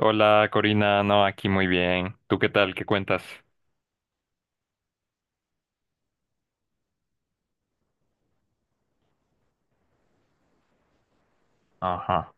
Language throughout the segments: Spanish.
Hola Corina, no, aquí muy bien. ¿Tú qué tal? ¿Qué cuentas? Ajá.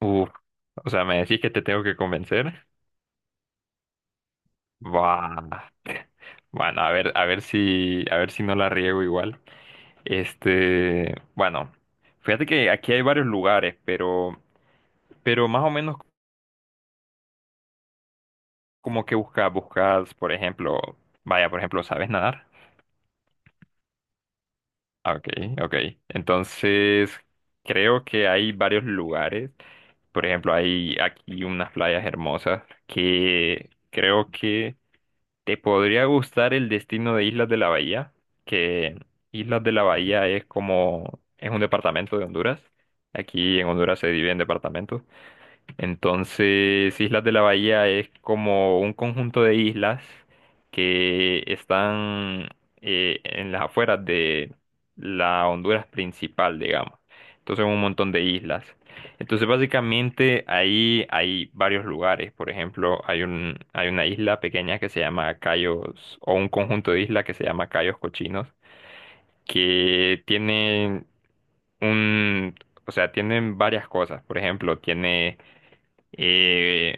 Uf, o sea, ¿me decís que te tengo que convencer? Buah. Bueno, a ver si no la riego igual. Bueno, fíjate que aquí hay varios lugares, pero más o menos como que buscas, buscas, por ejemplo, vaya, por ejemplo, ¿sabes nadar? Ah, ok, ok. Entonces, creo que hay varios lugares. Por ejemplo, hay aquí unas playas hermosas que creo que te podría gustar el destino de Islas de la Bahía, que Islas de la Bahía es un departamento de Honduras. Aquí en Honduras se divide en departamentos. Entonces, Islas de la Bahía es como un conjunto de islas que están en las afueras de la Honduras principal, digamos. Entonces, un montón de islas. Entonces, básicamente ahí hay varios lugares. Por ejemplo, hay una isla pequeña que se llama Cayos, o un conjunto de islas que se llama Cayos Cochinos, que un, o sea, tienen varias cosas. Por ejemplo, tiene eh,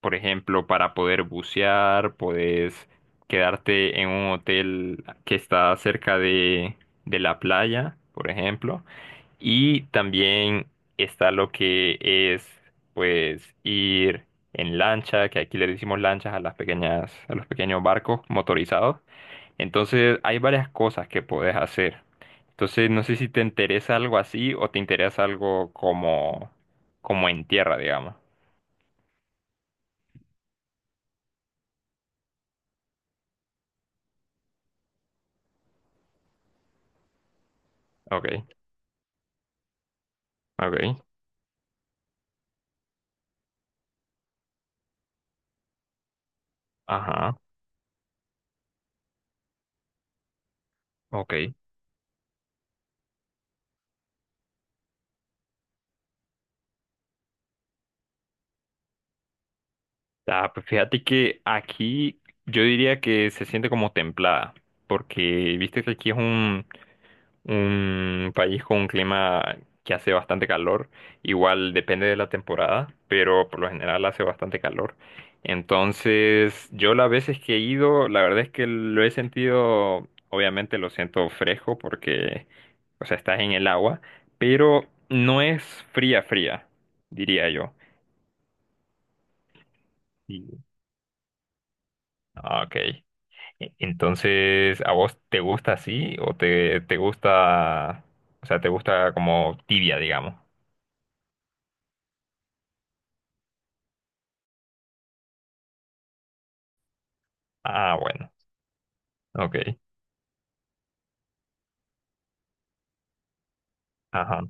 por ejemplo, para poder bucear, puedes quedarte en un hotel que está cerca de la playa, por ejemplo. Y también está lo que es, pues, ir en lancha, que aquí le decimos lanchas a las pequeñas, a los pequeños barcos motorizados. Entonces, hay varias cosas que puedes hacer. Entonces, no sé si te interesa algo así o te interesa algo como en tierra, digamos. Ok, ok. Ajá. Ok. Ah, pues fíjate que aquí yo diría que se siente como templada, porque viste que aquí es un país con un clima que hace bastante calor, igual depende de la temporada, pero por lo general hace bastante calor. Entonces, yo las veces que he ido, la verdad es que lo he sentido, obviamente lo siento fresco porque, o sea, estás en el agua, pero no es fría, fría, diría yo. Sí. Ah, ok. Entonces, ¿a vos te gusta así o te gusta, o sea, te gusta como tibia, digamos? Ah, bueno, ok, ajá.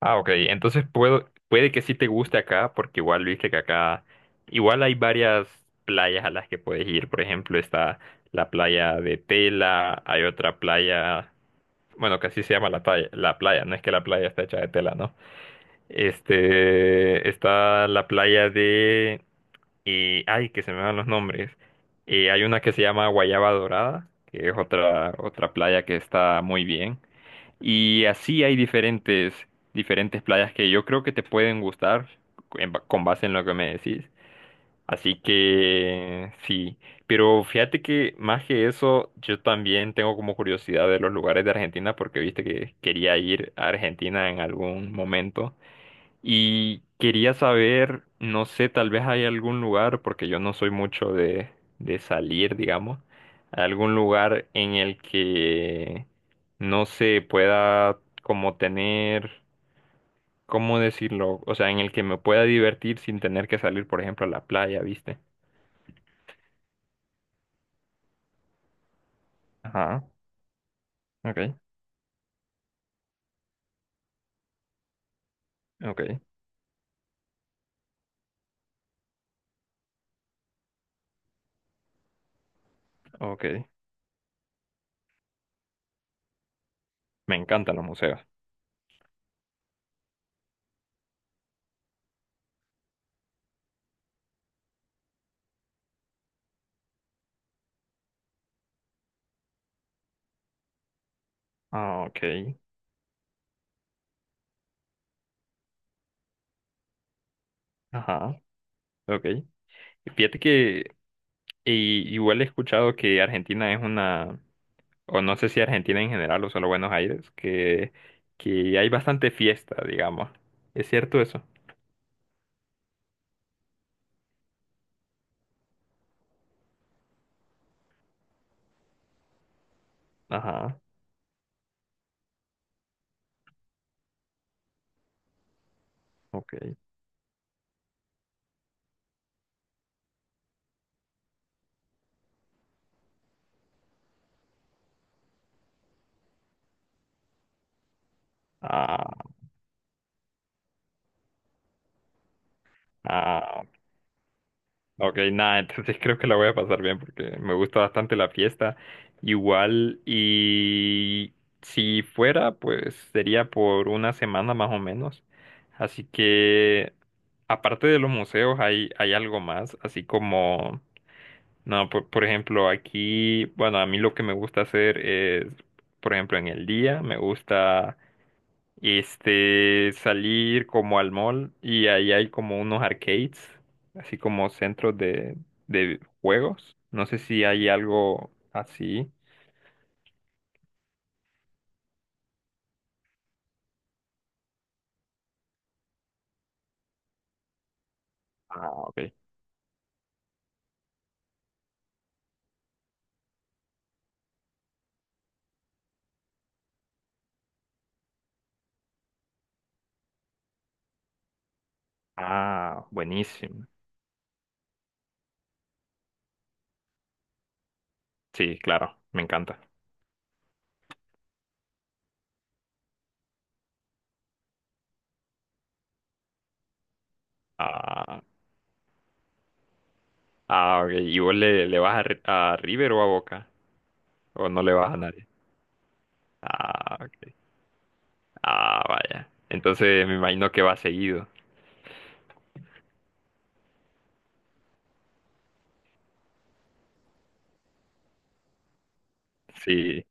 Ah, ok, entonces puede que sí te guste acá, porque igual viste que acá, igual hay varias playas a las que puedes ir. Por ejemplo, está la playa de Tela, hay otra playa, bueno, que así se llama la playa, no es que la playa está hecha de tela, ¿no? Está la playa de... Y, ay, que se me van los nombres. Hay una que se llama Guayaba Dorada, que es otra, otra playa que está muy bien. Y así hay diferentes, diferentes playas que yo creo que te pueden gustar con base en lo que me decís. Así que sí, pero fíjate que más que eso, yo también tengo como curiosidad de los lugares de Argentina porque viste que quería ir a Argentina en algún momento. Y quería saber, no sé, tal vez hay algún lugar, porque yo no soy mucho de salir, digamos, algún lugar en el que no se pueda como tener, ¿cómo decirlo? O sea, en el que me pueda divertir sin tener que salir, por ejemplo, a la playa, ¿viste? Ajá, ok, ok, ok. Me encantan los museos. Ah, ok, ajá, ok. Fíjate que igual he escuchado que Argentina es una o no sé si Argentina en general o solo Buenos Aires, que hay bastante fiesta, digamos. ¿Es cierto eso? Ajá, ok. Ah, ah, ok, nada, entonces creo que la voy a pasar bien porque me gusta bastante la fiesta. Igual, y si fuera, pues sería por una semana más o menos. Así que, aparte de los museos, hay algo más, así como... No, por ejemplo, aquí, bueno, a mí lo que me gusta hacer es, por ejemplo, en el día me gusta salir como al mall y ahí hay como unos arcades, así como centros de juegos. No sé si hay algo así. Ah, ok. Ah, buenísimo. Sí, claro, me encanta. Ah, ah, ok. ¿Y vos le vas a, a River o a Boca? ¿O no le vas a nadie? Ah, ok. Ah, vaya. Entonces me imagino que va seguido. Sí,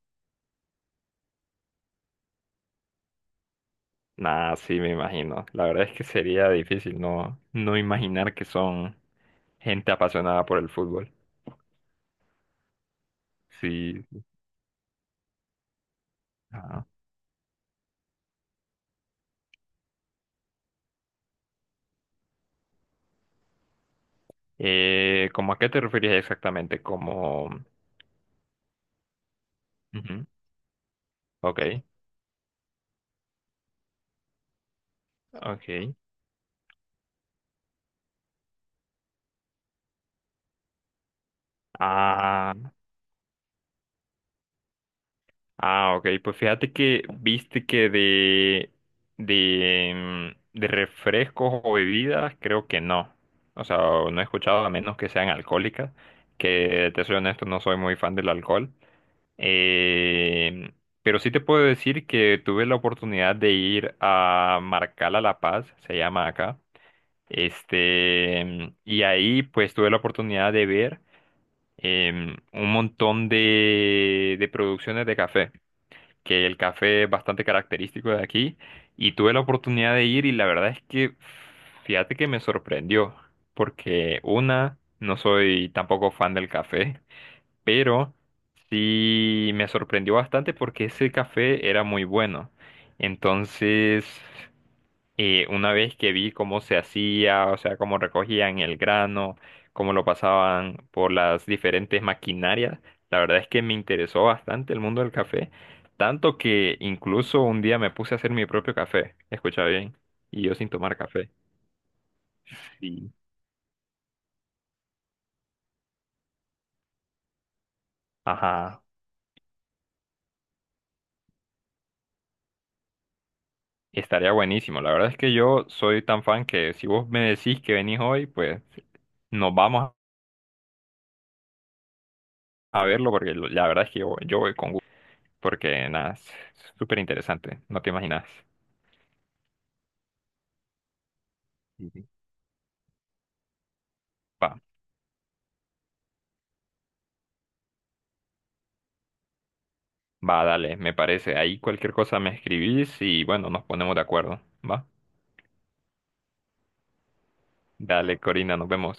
nada, sí me imagino. La verdad es que sería difícil no, no imaginar que son gente apasionada por el fútbol. Sí. Ajá. ¿Cómo a qué te referías exactamente? Como... Ujú, ok, ok. Ah, ah, ok, pues fíjate que viste que de refrescos o bebidas, creo que no. O sea, no he escuchado a menos que sean alcohólicas, que te soy honesto, no soy muy fan del alcohol. Eh, pero sí te puedo decir que tuve la oportunidad de ir a Marcala La Paz, se llama acá. Y ahí pues tuve la oportunidad de ver un montón de producciones de café que el café es bastante característico de aquí y tuve la oportunidad de ir y la verdad es que fíjate que me sorprendió porque una, no soy tampoco fan del café, pero sí me sorprendió bastante porque ese café era muy bueno. Entonces y una vez que vi cómo se hacía, o sea, cómo recogían el grano, cómo lo pasaban por las diferentes maquinarias, la verdad es que me interesó bastante el mundo del café, tanto que incluso un día me puse a hacer mi propio café, escucha bien, y yo sin tomar café. Sí. Ajá, estaría buenísimo. La verdad es que yo soy tan fan que si vos me decís que venís hoy, pues nos vamos a verlo porque la verdad es que yo voy con gusto, porque nada, es súper interesante, no te imaginas. Va, va, dale, me parece. Ahí cualquier cosa me escribís y bueno, nos ponemos de acuerdo. Va, dale, Corina, nos vemos.